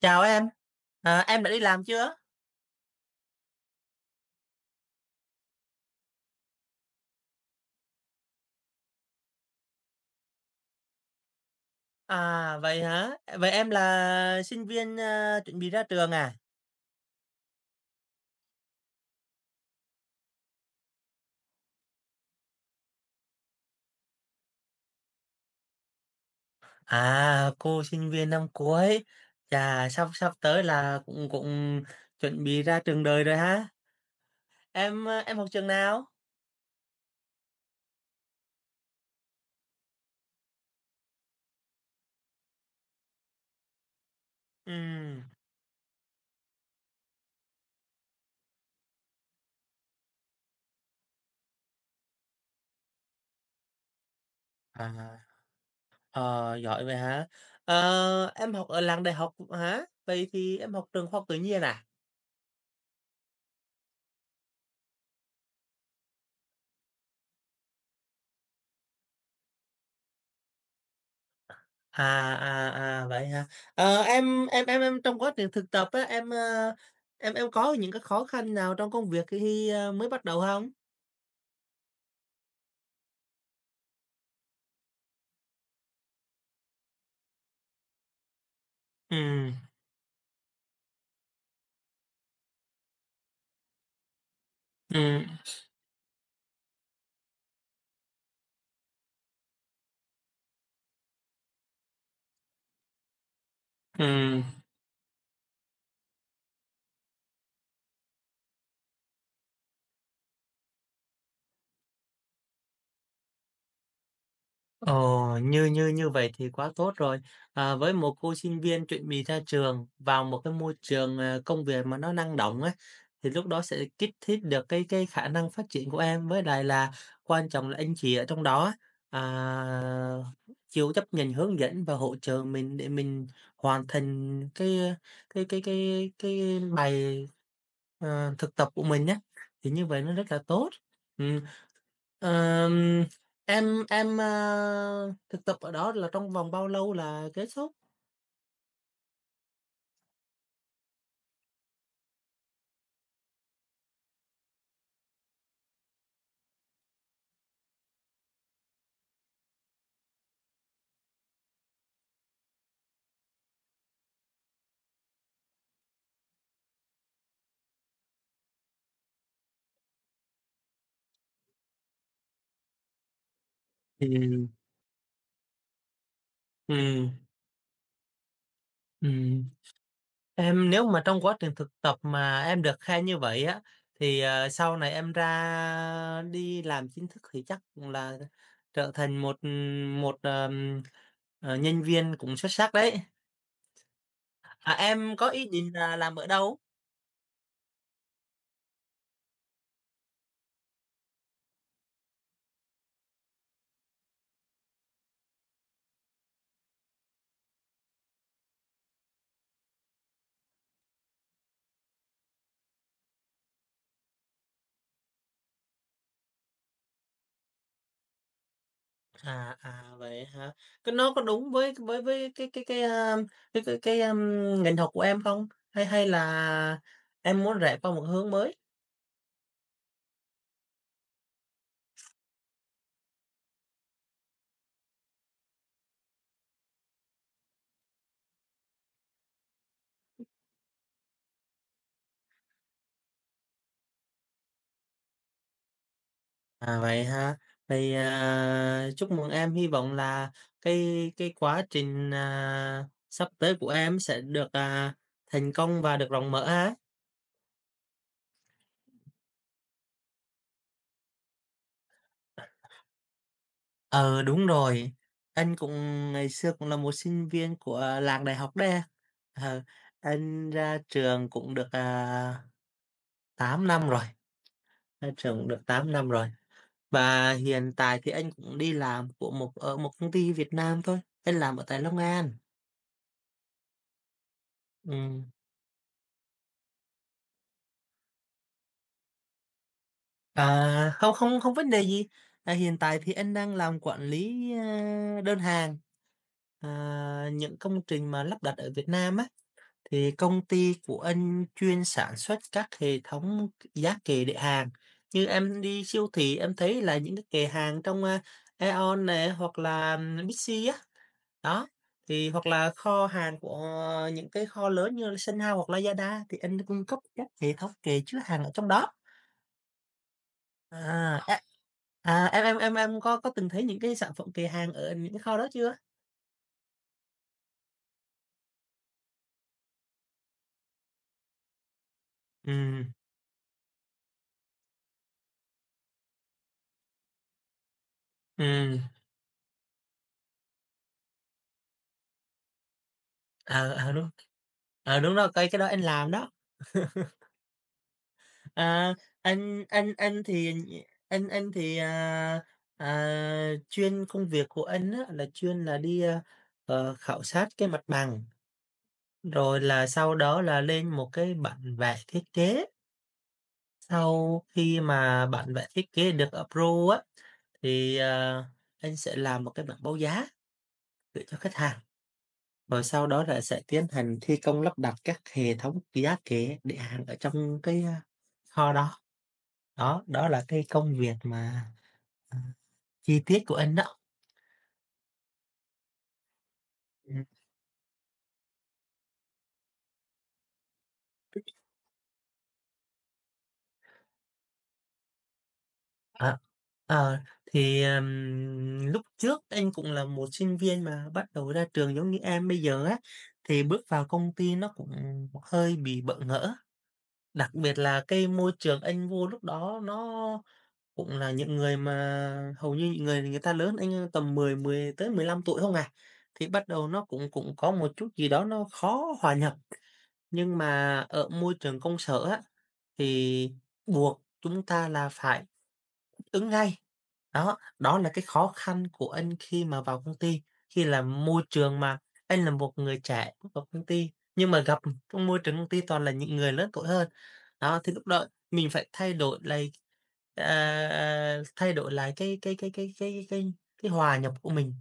Chào em, em đã đi làm chưa? À vậy hả? Vậy em là sinh viên à, chuẩn bị ra trường à? À cô sinh viên năm cuối, chà sắp sắp tới là cũng cũng chuẩn bị ra trường đời rồi ha. Em à, em học trường nào? Ừ. À, ờ, Giỏi vậy hả? Ờ, em học ở làng đại học hả? Vậy thì em học trường khoa học tự nhiên à? À, Vậy hả? Ờ, em trong quá trình thực tập á, em có những cái khó khăn nào trong công việc khi, mới bắt đầu không. ừ ừ ừ Ồ, như như như vậy thì quá tốt rồi. À, với một cô sinh viên chuẩn bị ra trường vào một cái môi trường công việc mà nó năng động ấy, thì lúc đó sẽ kích thích được cái khả năng phát triển của em. Với lại là quan trọng là anh chị ở trong đó, à, chịu chấp nhận hướng dẫn và hỗ trợ mình để mình hoàn thành cái bài thực tập của mình nhé. Thì như vậy nó rất là tốt. Ừ, Ờm, em thực tập ở đó là trong vòng bao lâu là kết thúc? Ừm, ừm, ừm. Em nếu mà trong quá trình thực tập mà em được khen như vậy á, thì, sau này em ra đi làm chính thức thì chắc cũng là trở thành một, một, ờm, nhân viên cũng xuất sắc đấy. À, em có ý định là làm ở đâu? Vậy hả? Cái nó có đúng với với cái, a, cái cái, ưm, ngành học của em không? Hay hay là em muốn rẽ qua một hướng mới? À, vậy ha. Thì, chúc mừng em, hy vọng là cái quá trình, sắp tới của em sẽ được, thành công và được rộng mở ha. Ờ, đúng rồi. Anh cũng ngày xưa cũng là một sinh viên của làng đại học đây. Ờ, anh ra trường cũng được, 8 năm rồi, ra trường được 8 năm rồi. Và hiện tại thì anh cũng đi làm của một ở một công ty Việt Nam thôi, anh làm ở tại Long An. Ừm, không không không vấn đề gì. À, hiện tại thì anh đang làm quản lý, đơn hàng, những công trình mà lắp đặt ở Việt Nam á, thì công ty của anh chuyên sản xuất các hệ thống giá kệ để hàng. Như em đi siêu thị em thấy là những cái kệ hàng trong, Aeon nè, hoặc là Bixi á. Đó, thì hoặc là kho hàng của những cái kho lớn như là Sun House hoặc Lazada thì anh cung cấp các hệ thống kệ chứa hàng ở trong đó. Ờ. Em có từng thấy những cái sản phẩm kệ hàng ở những cái kho đó chưa? Ừ ừm, ờ, đúng, đúng rồi, cái đó anh làm đó. À, anh anh anh thì anh thì, chuyên công việc của anh á là chuyên là đi, khảo sát cái mặt bằng. Rồi là sau đó là lên một cái bản vẽ thiết kế, sau khi mà bản vẽ thiết kế được approve á, thì, anh sẽ làm một cái bản báo giá gửi cho khách hàng, rồi sau đó là sẽ tiến hành thi công lắp đặt các hệ thống giá kệ, để hàng ở trong cái, kho đó. Đó, đó là cái công việc mà, à, chi tiết của anh đó. Ừm, ờ. Ờ, thì, lúc trước anh cũng là một sinh viên mà bắt đầu ra trường giống như em bây giờ á, thì bước vào công ty nó cũng hơi bị bỡ ngỡ. Đặc biệt là cái môi trường anh vô lúc đó nó cũng là những người mà hầu như những người người ta lớn anh tầm 10 10 tới 15 tuổi không à. Thì bắt đầu nó cũng cũng có một chút gì đó nó khó hòa nhập, nhưng mà ở môi trường công sở á, thì buộc chúng ta là phải ứng ngay. Đó, đó là cái khó khăn của anh khi mà vào công ty, khi là môi trường mà anh là một người trẻ bước vào công ty, nhưng mà gặp trong môi trường công ty toàn là những người lớn tuổi hơn. Đó, thì lúc đó mình phải thay đổi lại, à, thay đổi lại cái hòa nhập của mình.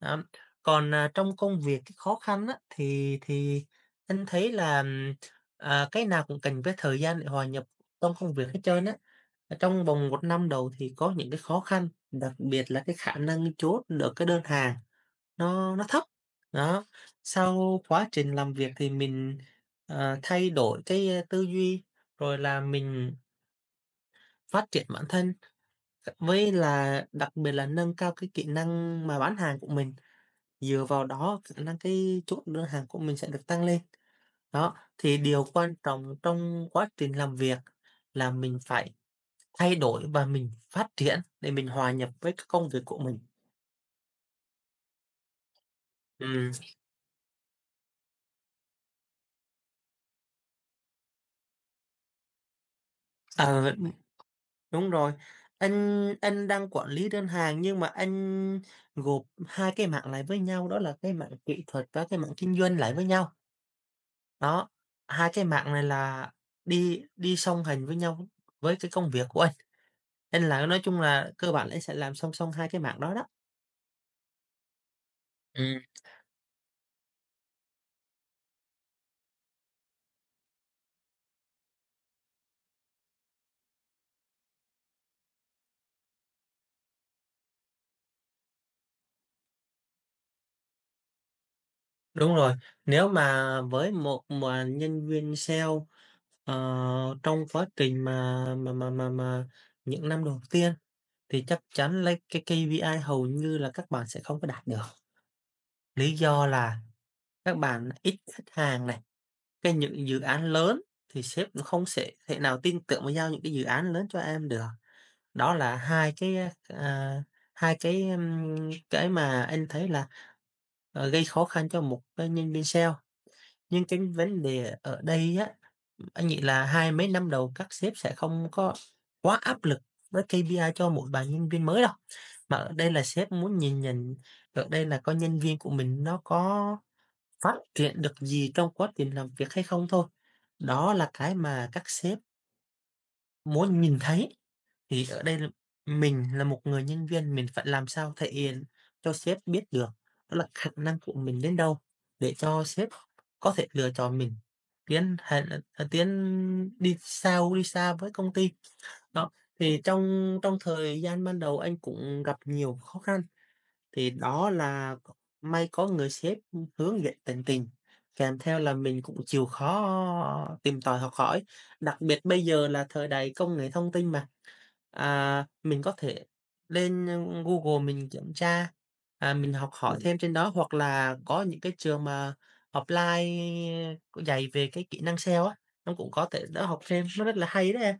Đó. Còn, trong công việc cái khó khăn á, thì anh thấy là, cái nào cũng cần cái thời gian để hòa nhập trong công việc hết trơn á, trong vòng một năm đầu thì có những cái khó khăn, đặc biệt là cái khả năng chốt được cái đơn hàng nó thấp. Đó, sau quá trình làm việc thì mình, thay đổi tư duy, rồi là mình phát triển bản thân, với là đặc biệt là nâng cao cái kỹ năng mà bán hàng của mình, dựa vào đó khả năng cái chốt đơn hàng của mình sẽ được tăng lên. Đó, thì điều quan trọng trong quá trình làm việc là mình phải thay đổi và mình phát triển để mình hòa nhập với các công việc của mình. Ừm, ờ, đúng rồi. Anh đang quản lý đơn hàng nhưng mà anh gộp 2 cái mảng lại với nhau, đó là cái mảng kỹ thuật và cái mảng kinh doanh lại với nhau. Đó, hai cái mảng này là đi đi song hành với nhau với cái công việc của anh. Nên là nói chung là cơ bản là anh sẽ làm song song hai cái mảng đó đó. Ừm. Đúng rồi, nếu mà với một mà nhân viên sale, ờ, trong quá trình mà những năm đầu tiên thì chắc chắn lấy cái KPI hầu như là các bạn sẽ không có đạt được. Lý do là các bạn ít khách hàng này, cái những dự án lớn thì sếp nó không sẽ thể nào tin tưởng mà giao những cái dự án lớn cho em được. Đó là hai cái, à, hai cái, cái mà anh thấy là, gây khó khăn cho một cái nhân viên sale. Nhưng cái vấn đề ở đây á, anh nghĩ là hai mấy năm đầu các sếp sẽ không có quá áp lực với KPI cho mỗi bạn nhân viên mới đâu. Mà ở đây là sếp muốn nhìn nhận ở đây là coi nhân viên của mình nó có phát triển được gì trong quá trình làm việc hay không thôi. Đó là cái mà các sếp muốn nhìn thấy. Thì ở đây là mình là một người nhân viên, mình phải làm sao thể hiện cho sếp biết được đó là khả năng của mình đến đâu để cho sếp có thể lựa chọn mình tiến hành tiến đi sâu, đi xa với công ty. Đó, thì trong trong thời gian ban đầu anh cũng gặp nhiều khó khăn, thì đó là may có người sếp, hướng dẫn tận tình, kèm theo là mình cũng chịu khó tìm tòi học hỏi. Đặc biệt bây giờ là thời đại công nghệ thông tin mà. Mình có thể lên Google mình kiểm tra, mình học hỏi thêm trên đó, hoặc là có những cái trường mà offline dạy về cái kỹ năng sale á, nó cũng có thể đỡ học thêm, nó rất là hay đấy em.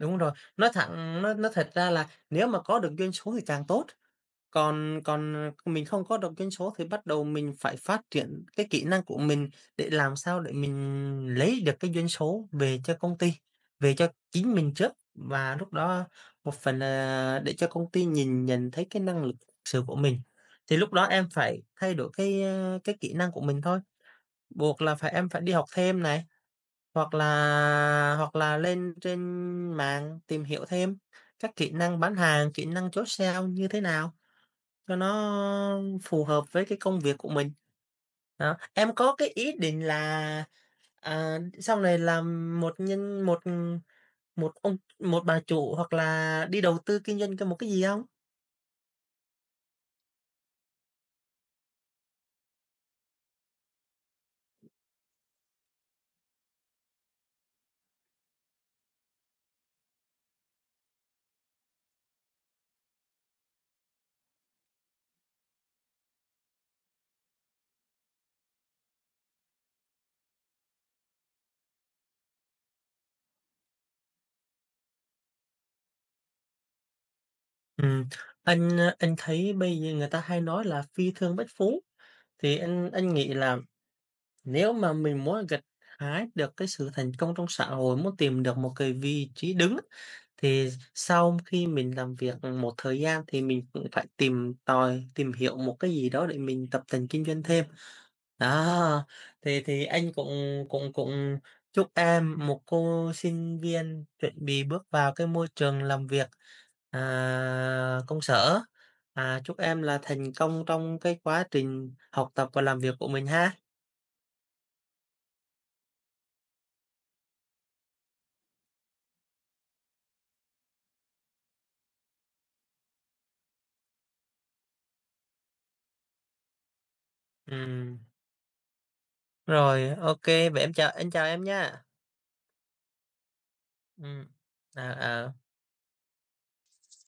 Đúng rồi, nói thẳng nó thật ra là nếu mà có được doanh số thì càng tốt. Còn còn, ờ, Mình không có đọc doanh số thì bắt đầu mình phải phát triển cái kỹ năng của mình để làm sao để mình lấy được cái doanh số về cho công ty, về cho chính mình trước. Và lúc đó một phần là để cho công ty nhìn nhận thấy cái năng lực thực sự của mình. Thì lúc đó em phải thay đổi cái kỹ năng của mình thôi, buộc là phải em phải đi học thêm này, hoặc là lên trên mạng tìm hiểu thêm các kỹ năng bán hàng, kỹ năng chốt sale như thế nào. Cho nó phù hợp với cái công việc của mình. Đó, em có cái ý định là, sau này làm một ông một bà chủ hoặc là đi đầu tư kinh doanh cho một cái gì không? Ừm, anh thấy bây giờ người ta hay nói là "phi thương bất phú", thì anh nghĩ là nếu mà mình muốn gặt hái được cái sự thành công trong xã hội, muốn tìm được một cái vị trí đứng á, thì sau khi mình làm việc một thời gian thì mình cũng phải tìm tòi, tìm hiểu một cái gì đó để mình tập tành kinh doanh thêm. Đó, thì anh cũng cũng cũng chúc em, một cô sinh viên chuẩn bị bước vào cái môi trường làm việc, công sở, chúc em là thành công trong cái quá trình học tập và làm việc của mình ha. Ừm. Rồi, ok. Vậy em chào anh chào em nha. Ừ. à, à,